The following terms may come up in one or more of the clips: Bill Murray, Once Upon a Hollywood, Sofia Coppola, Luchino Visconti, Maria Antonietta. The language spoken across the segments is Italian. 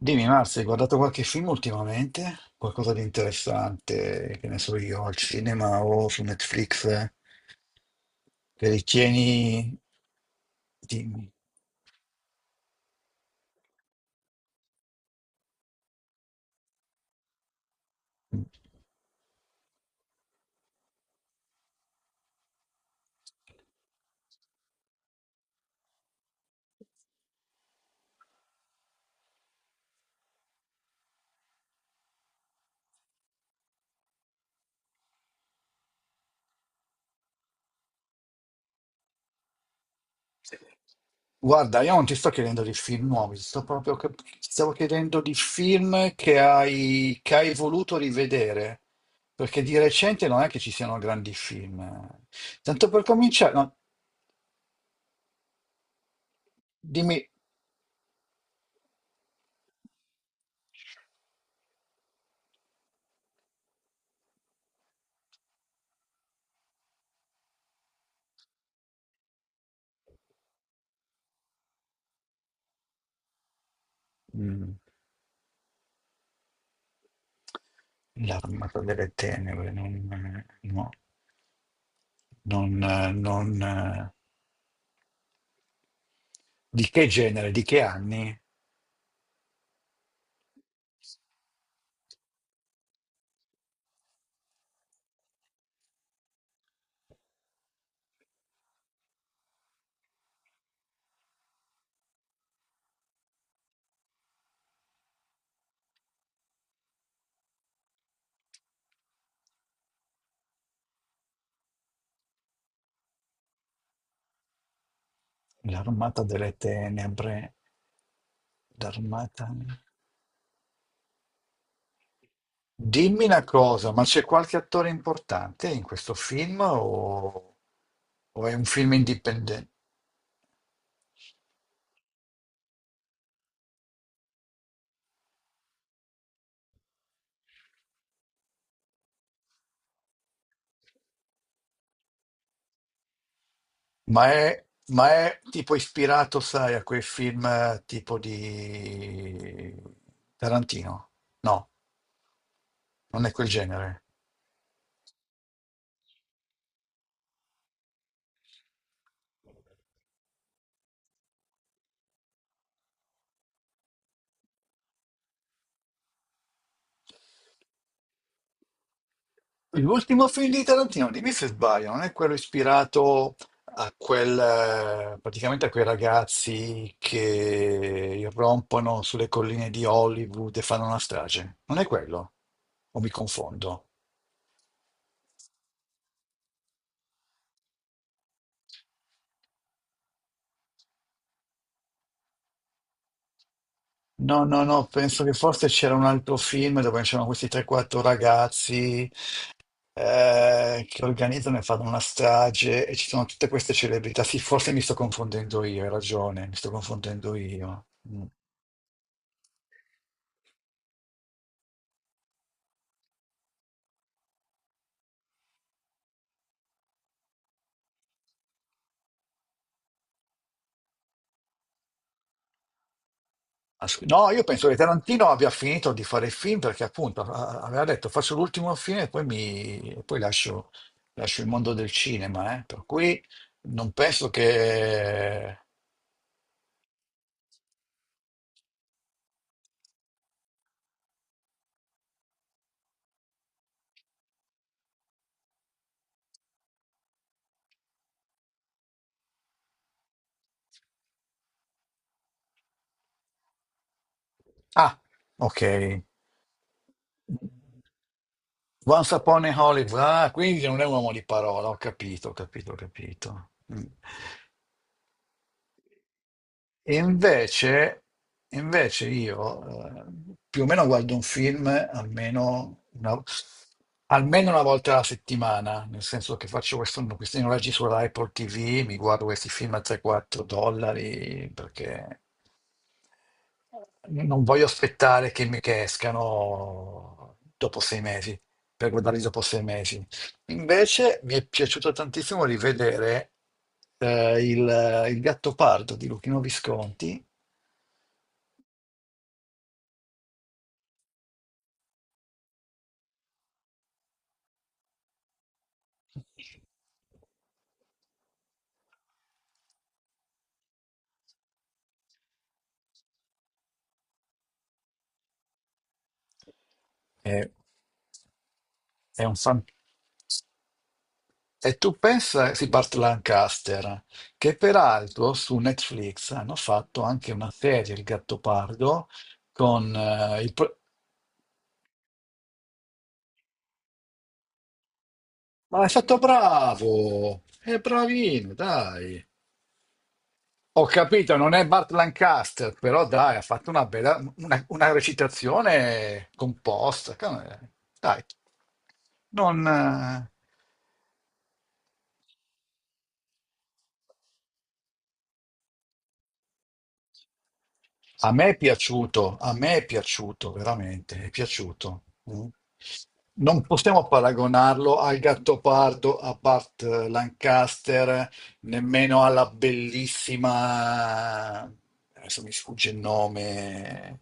Dimmi, Marzia, hai guardato qualche film ultimamente? Qualcosa di interessante, che ne so io, al cinema o su Netflix, eh? che ritieni... di- Guarda, io non ti sto chiedendo di film nuovi, sto proprio ti stavo chiedendo di film che hai voluto rivedere, perché di recente non è che ci siano grandi film. Tanto per cominciare, no, dimmi... Mm. L'armata delle tenebre, non... no, non... non... Di che genere, di che anni? L'armata delle tenebre, l'armata... Dimmi una cosa, ma c'è qualche attore importante in questo film o è un film indipendente? Ma è tipo ispirato, sai, a quei film tipo di Tarantino? No, non è quel genere. L'ultimo film di Tarantino, dimmi se sbaglio, non è quello ispirato praticamente a quei ragazzi che irrompono sulle colline di Hollywood e fanno una strage? Non è quello? O mi confondo? No, no, no, penso che forse c'era un altro film dove c'erano questi 3-4 ragazzi che organizzano e fanno una strage e ci sono tutte queste celebrità. Sì, forse mi sto confondendo io, hai ragione, mi sto confondendo io. Mm. No, io penso che Tarantino abbia finito di fare il film perché appunto aveva detto faccio l'ultimo film e poi, e poi lascio il mondo del cinema, eh. Per cui non penso che... Ah, ok. Once Upon a Hollywood, ah, quindi non è un uomo di parola, ho capito, ho capito, ho capito. Mm. E invece io più o meno guardo un film almeno una volta alla settimana, nel senso che faccio questi noleggi sulla Apple TV, mi guardo questi film a 3-4 dollari perché non voglio aspettare che escano dopo 6 mesi, per guardarli dopo 6 mesi. Invece mi è piaciuto tantissimo rivedere il Gattopardo di Luchino Visconti, è, è un fan- e tu pensa, sì, Burt Lancaster, che peraltro su Netflix hanno fatto anche una serie, il Gattopardo, con eh, il... pro- Ma è stato bravo, è bravino, dai. Ho capito, non è Bart Lancaster, però dai, ha fatto una bella, una recitazione composta. Dai, non, a me è piaciuto, a me è piaciuto, veramente, è piaciuto. Mm. Non possiamo paragonarlo al Gattopardo, a Bart Lancaster, nemmeno alla bellissima, adesso mi sfugge il nome,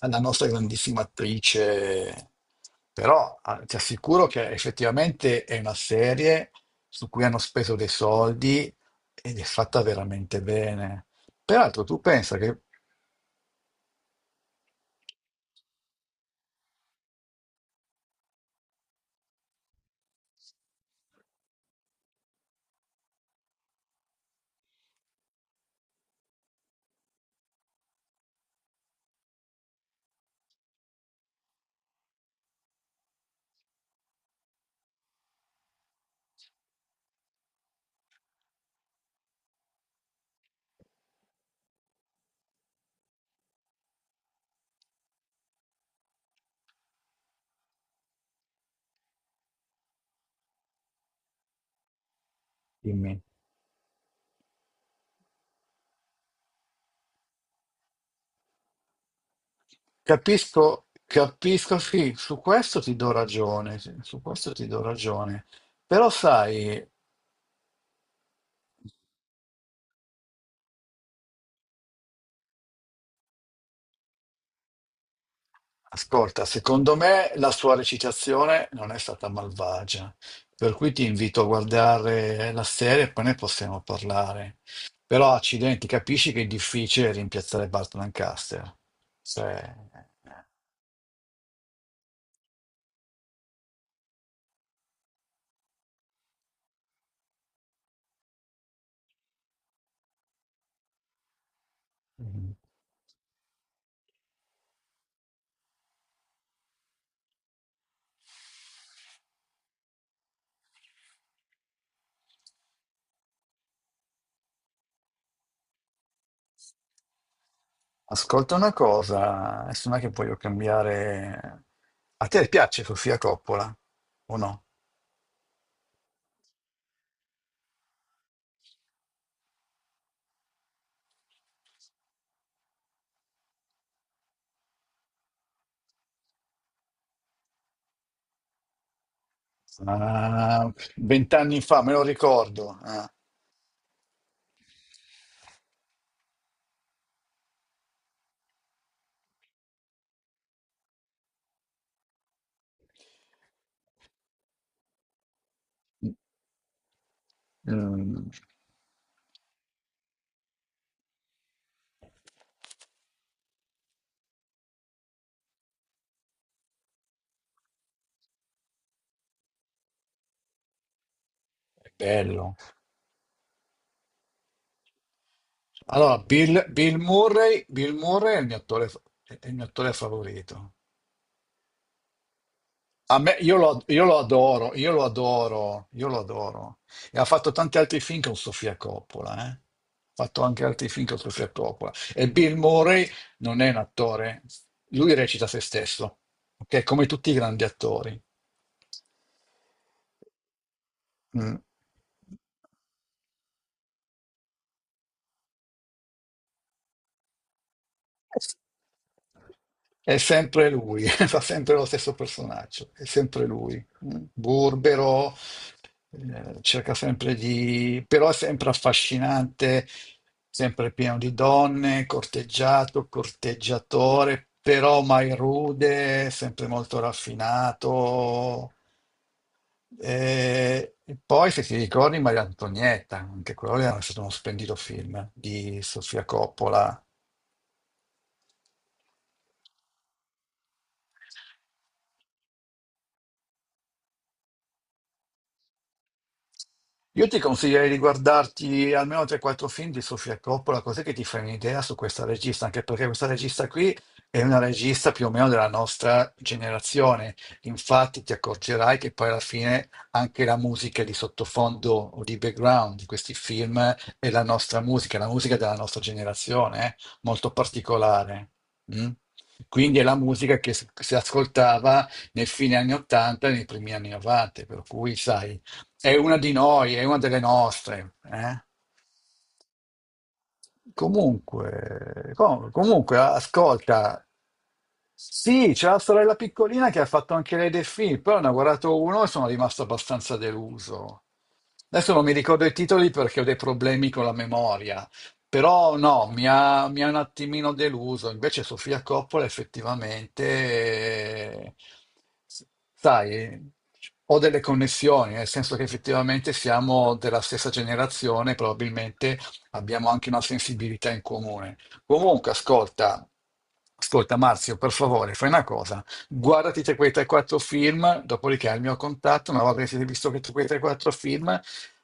alla nostra grandissima attrice, però ti assicuro che effettivamente è una serie su cui hanno speso dei soldi ed è fatta veramente bene. Peraltro, tu pensa che, dimmi, capisco, capisco, sì, su questo ti do ragione, sì, su questo ti do ragione, però sai. Ascolta, secondo me la sua recitazione non è stata malvagia, per cui ti invito a guardare la serie e poi ne possiamo parlare. Però, accidenti, capisci che è difficile rimpiazzare Bart Lancaster. Cioè, mm, ascolta una cosa, adesso non è che voglio cambiare... A te piace Sofia Coppola o no? Ah, 20 anni fa, me lo ricordo. Ah. Mm, mm, è bello. Allora, Bill Murray è il mio attore favorito. A me, io lo adoro, io lo adoro, io lo adoro. E ha fatto tanti altri film con Sofia Coppola, eh. Ha fatto anche altri film con Sofia Coppola. E Bill Murray non è un attore, lui recita se stesso, ok? Come tutti i grandi attori. Mm. È sempre lui, fa sempre lo stesso personaggio, è sempre lui, mm. burbero, cerca sempre di... però è sempre affascinante, sempre pieno di donne, corteggiato, corteggiatore, però mai rude, sempre molto raffinato. E poi, se ti ricordi, Maria Antonietta, anche quello era stato uno splendido film di Sofia Coppola. Io ti consiglierei di guardarti almeno 3-4 film di Sofia Coppola, così che ti fai un'idea su questa regista, anche perché questa regista qui è una regista più o meno della nostra generazione. Infatti ti accorgerai che poi alla fine anche la musica di sottofondo o di background di questi film è la nostra musica, la musica della nostra generazione, molto particolare. Mm? Quindi è la musica che si ascoltava nei fine anni 80 e nei primi anni 90, per cui sai. È una di noi, è una delle nostre. Eh? Comunque, comunque, ascolta, sì, c'è la sorella piccolina che ha fatto anche lei dei film, però ne ho guardato uno e sono rimasto abbastanza deluso. Adesso non mi ricordo i titoli perché ho dei problemi con la memoria, però no, mi ha un attimino deluso. Invece Sofia Coppola effettivamente, eh, sai, ho delle connessioni, nel senso che effettivamente siamo della stessa generazione, probabilmente abbiamo anche una sensibilità in comune. Comunque, ascolta, Marzio, per favore, fai una cosa, guardati te quei 3-4 film, dopodiché hai il mio contatto, una volta che siete visto che tu quei 3-4 film,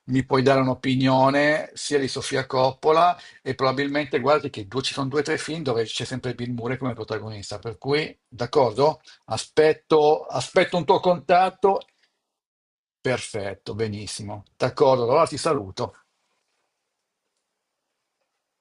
mi puoi dare un'opinione sia di Sofia Coppola e probabilmente guardi che due, ci sono due o tre film dove c'è sempre Bill Murray come protagonista, per cui, d'accordo? Aspetto un tuo contatto. Perfetto, benissimo. D'accordo, allora ti saluto.